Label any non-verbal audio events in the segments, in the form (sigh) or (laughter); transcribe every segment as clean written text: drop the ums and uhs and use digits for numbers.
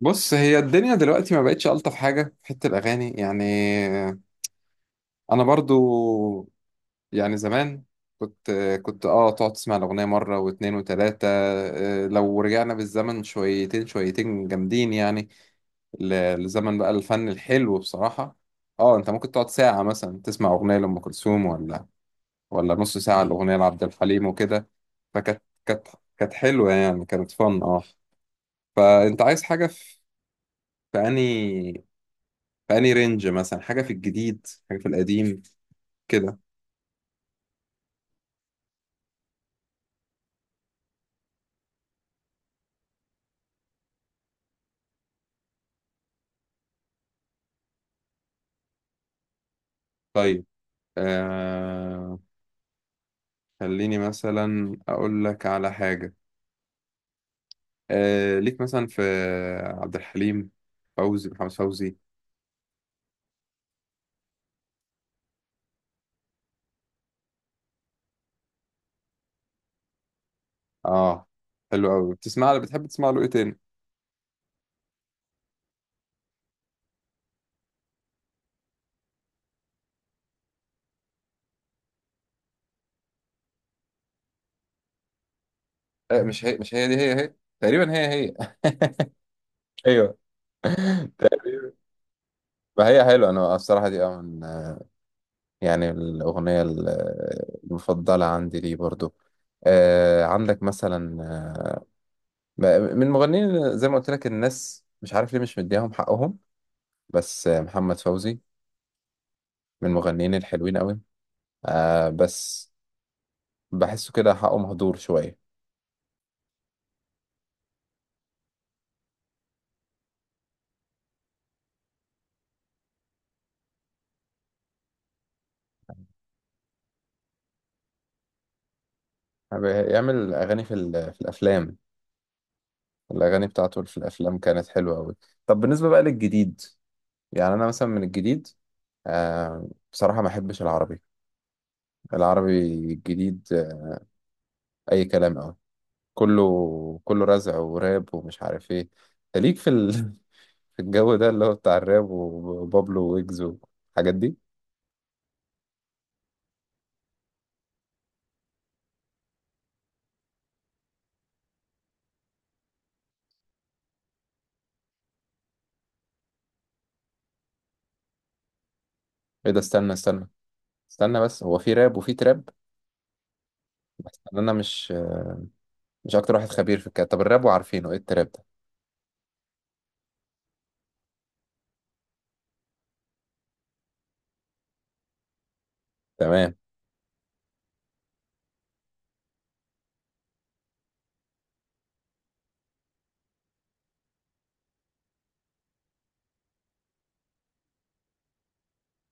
بص، هي الدنيا دلوقتي ما بقتش ألطف حاجة في حتة الأغاني يعني. أنا برضو، يعني زمان كنت كنت تقعد تسمع الأغنية مرة واتنين وتلاتة. لو رجعنا بالزمن شويتين شويتين جامدين يعني، لزمن بقى الفن الحلو بصراحة. اه انت ممكن تقعد ساعة مثلا تسمع أغنية لأم كلثوم، ولا نص ساعة الأغنية لعبد الحليم وكده. فكانت كانت كانت حلوة، يعني كانت فن اه. فأنت عايز حاجة في أنهي؟ فأني رينج مثلا، حاجة في الجديد حاجة في القديم كده. طيب آه، خليني مثلا أقول لك على حاجة. آه ليك مثلا في عبد الحليم، فوزي، محمد فوزي. اه حلو أوي. بتسمع له، بتحب تسمع له إيه تاني؟ آه، مش هي، مش هي دي، هي هي تقريبا، هي هي. (laughs) ايوه. (laughs) ما هي حلوة. أنا الصراحة دي اه من يعني المفضلة عندي ليه برضو. آه عندك مثلا، ب- من المغنيين زي ما قلت لك، الناس مش عارف ليه مش مديهم حقهم، بس محمد فوزي من المغنيين الحلوين قوي، آه بس بحسه كده حقه مهدور شوية. بيعمل أغاني في الأفلام. الأغاني بتاعته في الأفلام كانت حلوة قوي. طب بالنسبة بقى للجديد، يعني أنا مثلا من الجديد آه، بصراحة ما أحبش العربي. العربي الجديد أي كلام قوي. كله رزع وراب ومش عارف ايه. انت ليك في ال...؟ (laughs) في الجو ده اللي هو بتاع الراب وبابلو ويجز والحاجات دي. ايه ده؟ استنى استنى استنى بس. هو في راب وفي تراب؟ بس انا مش اكتر واحد خبير في الكلام. طب الراب، وعارفينه، ايه التراب ده؟ تمام.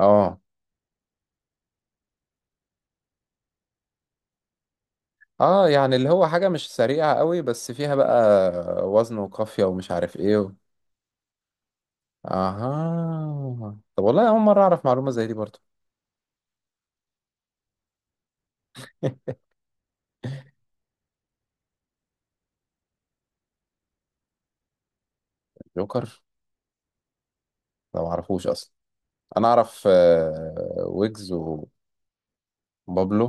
اه، اه يعني اللي هو حاجة مش سريعة قوي، بس فيها بقى وزن وقافية ومش عارف ايه و... اها. طب والله اول مرة اعرف معلومة زي دي برضه. (laughs) جوكر؟ لا معرفوش اصلا. انا اعرف ويجز وبابلو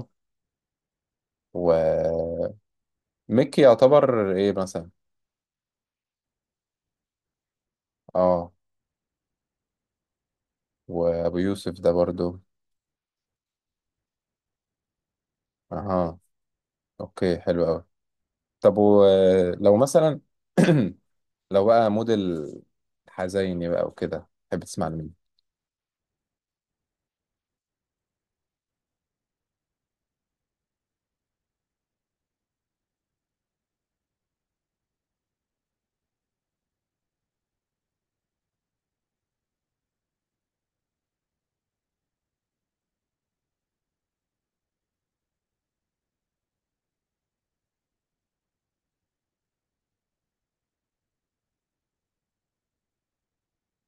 وميكي. يعتبر ايه مثلا؟ اه. وابو يوسف ده برضو؟ اها. اوكي، حلو قوي. طب ولو مثلا (clears throat) لو بقى موديل حزيني بقى وكده، تحب تسمع لمين؟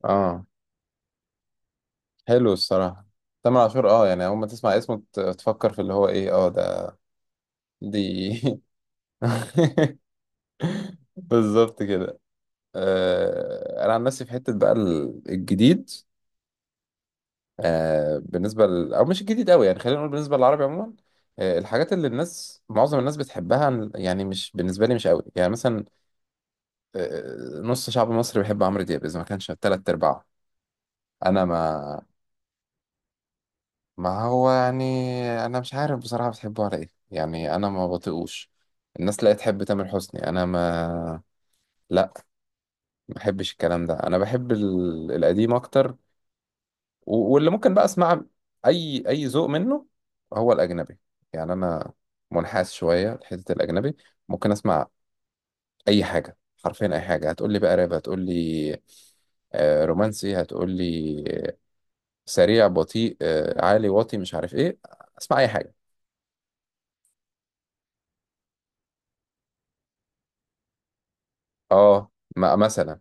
اه، حلو الصراحة. تامر عاشور اه، يعني اول ما تسمع اسمه تفكر في اللي هو ايه اه ده دي. (laughs) بالظبط كده. آه، انا عن نفسي في حتة بقى الجديد آه، بالنسبة ل... أو مش الجديد أوي يعني، خلينا نقول بالنسبة للعربي عموما. آه، الحاجات اللي الناس، معظم الناس بتحبها، يعني مش بالنسبة لي مش أوي يعني. مثلا آه نص شعب مصر بيحب عمرو دياب، إذا ما كانش تلات أرباعه. أنا ما ما هو يعني، أنا مش عارف بصراحة بتحبه على إيه، يعني أنا ما بطيقوش. الناس لا تحب تامر حسني، أنا لا ما بحبش الكلام ده. أنا بحب ال... القديم أكتر. و- واللي ممكن بقى اسمع اي ذوق منه، هو الاجنبي. يعني انا منحاز شويه لحته الاجنبي. ممكن اسمع اي حاجه، حرفيا اي حاجه. هتقول لي بقى راب، هتقول لي رومانسي، هتقول لي سريع بطيء عالي واطي مش عارف ايه، اسمع اي حاجه. اه مثلا.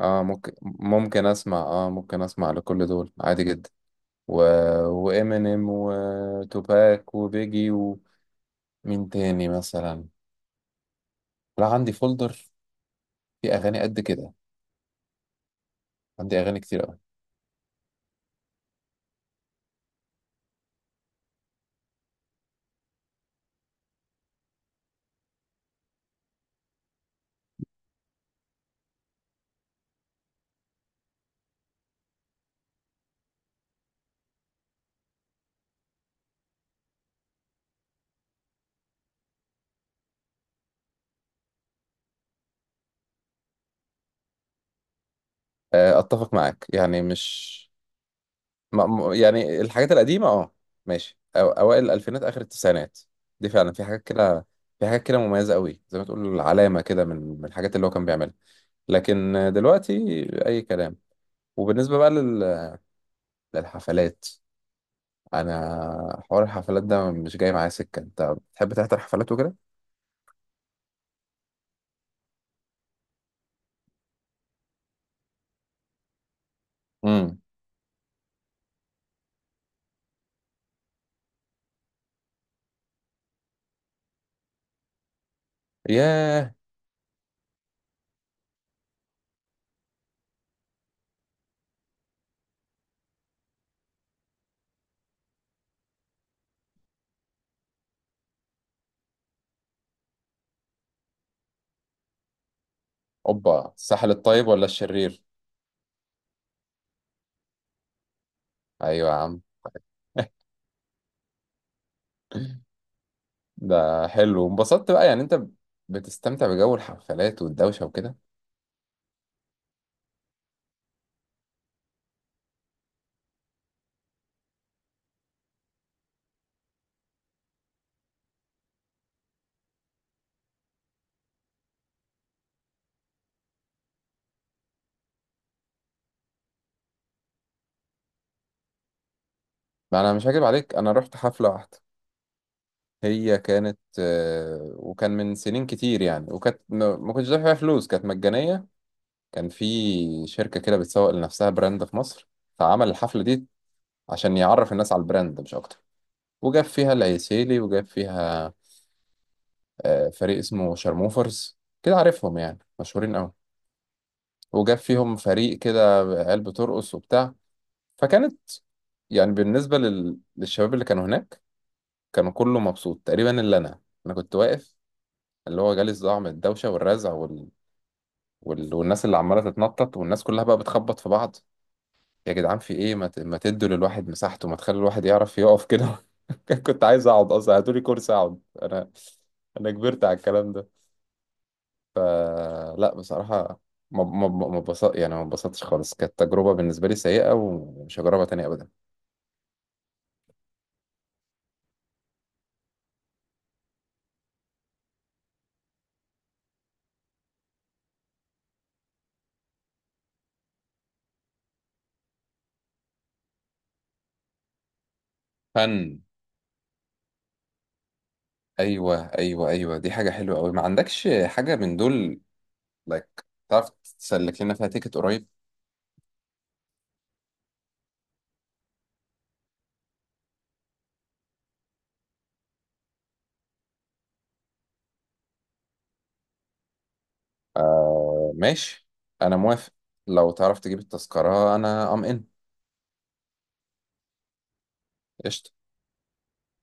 اه، ممكن اسمع، اه ممكن اسمع لكل دول عادي جدا. و... وامينيم وتوباك وبيجي، ومين تاني مثلا؟ لا عندي فولدر في اغاني قد كده، عندي اغاني كتير قوي. آه، اتفق معاك، يعني مش ما... م- يعني الحاجات القديمه اه ماشي، أو... اوائل الالفينات اخر التسعينات دي فعلا في حاجات كده، في حاجات كده مميزه قوي، زي ما تقول علامه كده، من الحاجات اللي هو كان بيعملها. لكن آه، دلوقتي اي كلام. وبالنسبه بقى لل... للحفلات، انا حوار الحفلات ده مش جاي معايا سكه. انت بتحب تحضر حفلات وكده؟ امم. ياه. اوبا، الساحل الطيب ولا الشرير؟ ايوه يا عم. ده حلو. وانبسطت بقى يعني؟ انت بتستمتع بجو الحفلات والدوشة وكده؟ ما انا مش هكذب عليك، انا رحت حفلة واحدة. هي كانت آه، وكان من سنين كتير يعني، وكانت ما كنتش دافع فيها فلوس، كانت مجانية. كان في شركة كده بتسوق لنفسها براند في مصر، فعمل الحفلة دي عشان يعرف الناس على البراند مش اكتر. وجاب فيها العيسيلي، وجاب فيها آه، فريق اسمه شرموفرز، كده عارفهم يعني مشهورين قوي. وجاب فيهم فريق كده عيال بترقص وبتاع. فكانت يعني بالنسبة لل... للشباب اللي كانوا هناك، كانوا كله مبسوط تقريبا إلا أنا. أنا كنت واقف اللي هو جالي الصداع من الدوشة والرزع وال... وال... والناس اللي عمالة تتنطط، والناس كلها بقى بتخبط في بعض. يا جدعان في إيه، ما تدوا للواحد مساحته، ما تخلي الواحد يعرف يقف كده. (laughs) كنت عايز أقعد أصلا، هاتولي كرسي أقعد أنا، أنا كبرت على الكلام ده. فلا بصراحة، ما ما ما ما اتبسط- يعني ما اتبسطتش خالص. كانت تجربة بالنسبة لي سيئة، ومش هجربها تاني أبدا. فن. ايوه ايوه ايوه، دي حاجه حلوه قوي. ما عندكش حاجه من دول like، تعرف تسلك لنا فيها تيكت قريب؟ آه ماشي، انا موافق. لو تعرف تجيب التذكره انا ام ان. قشطه.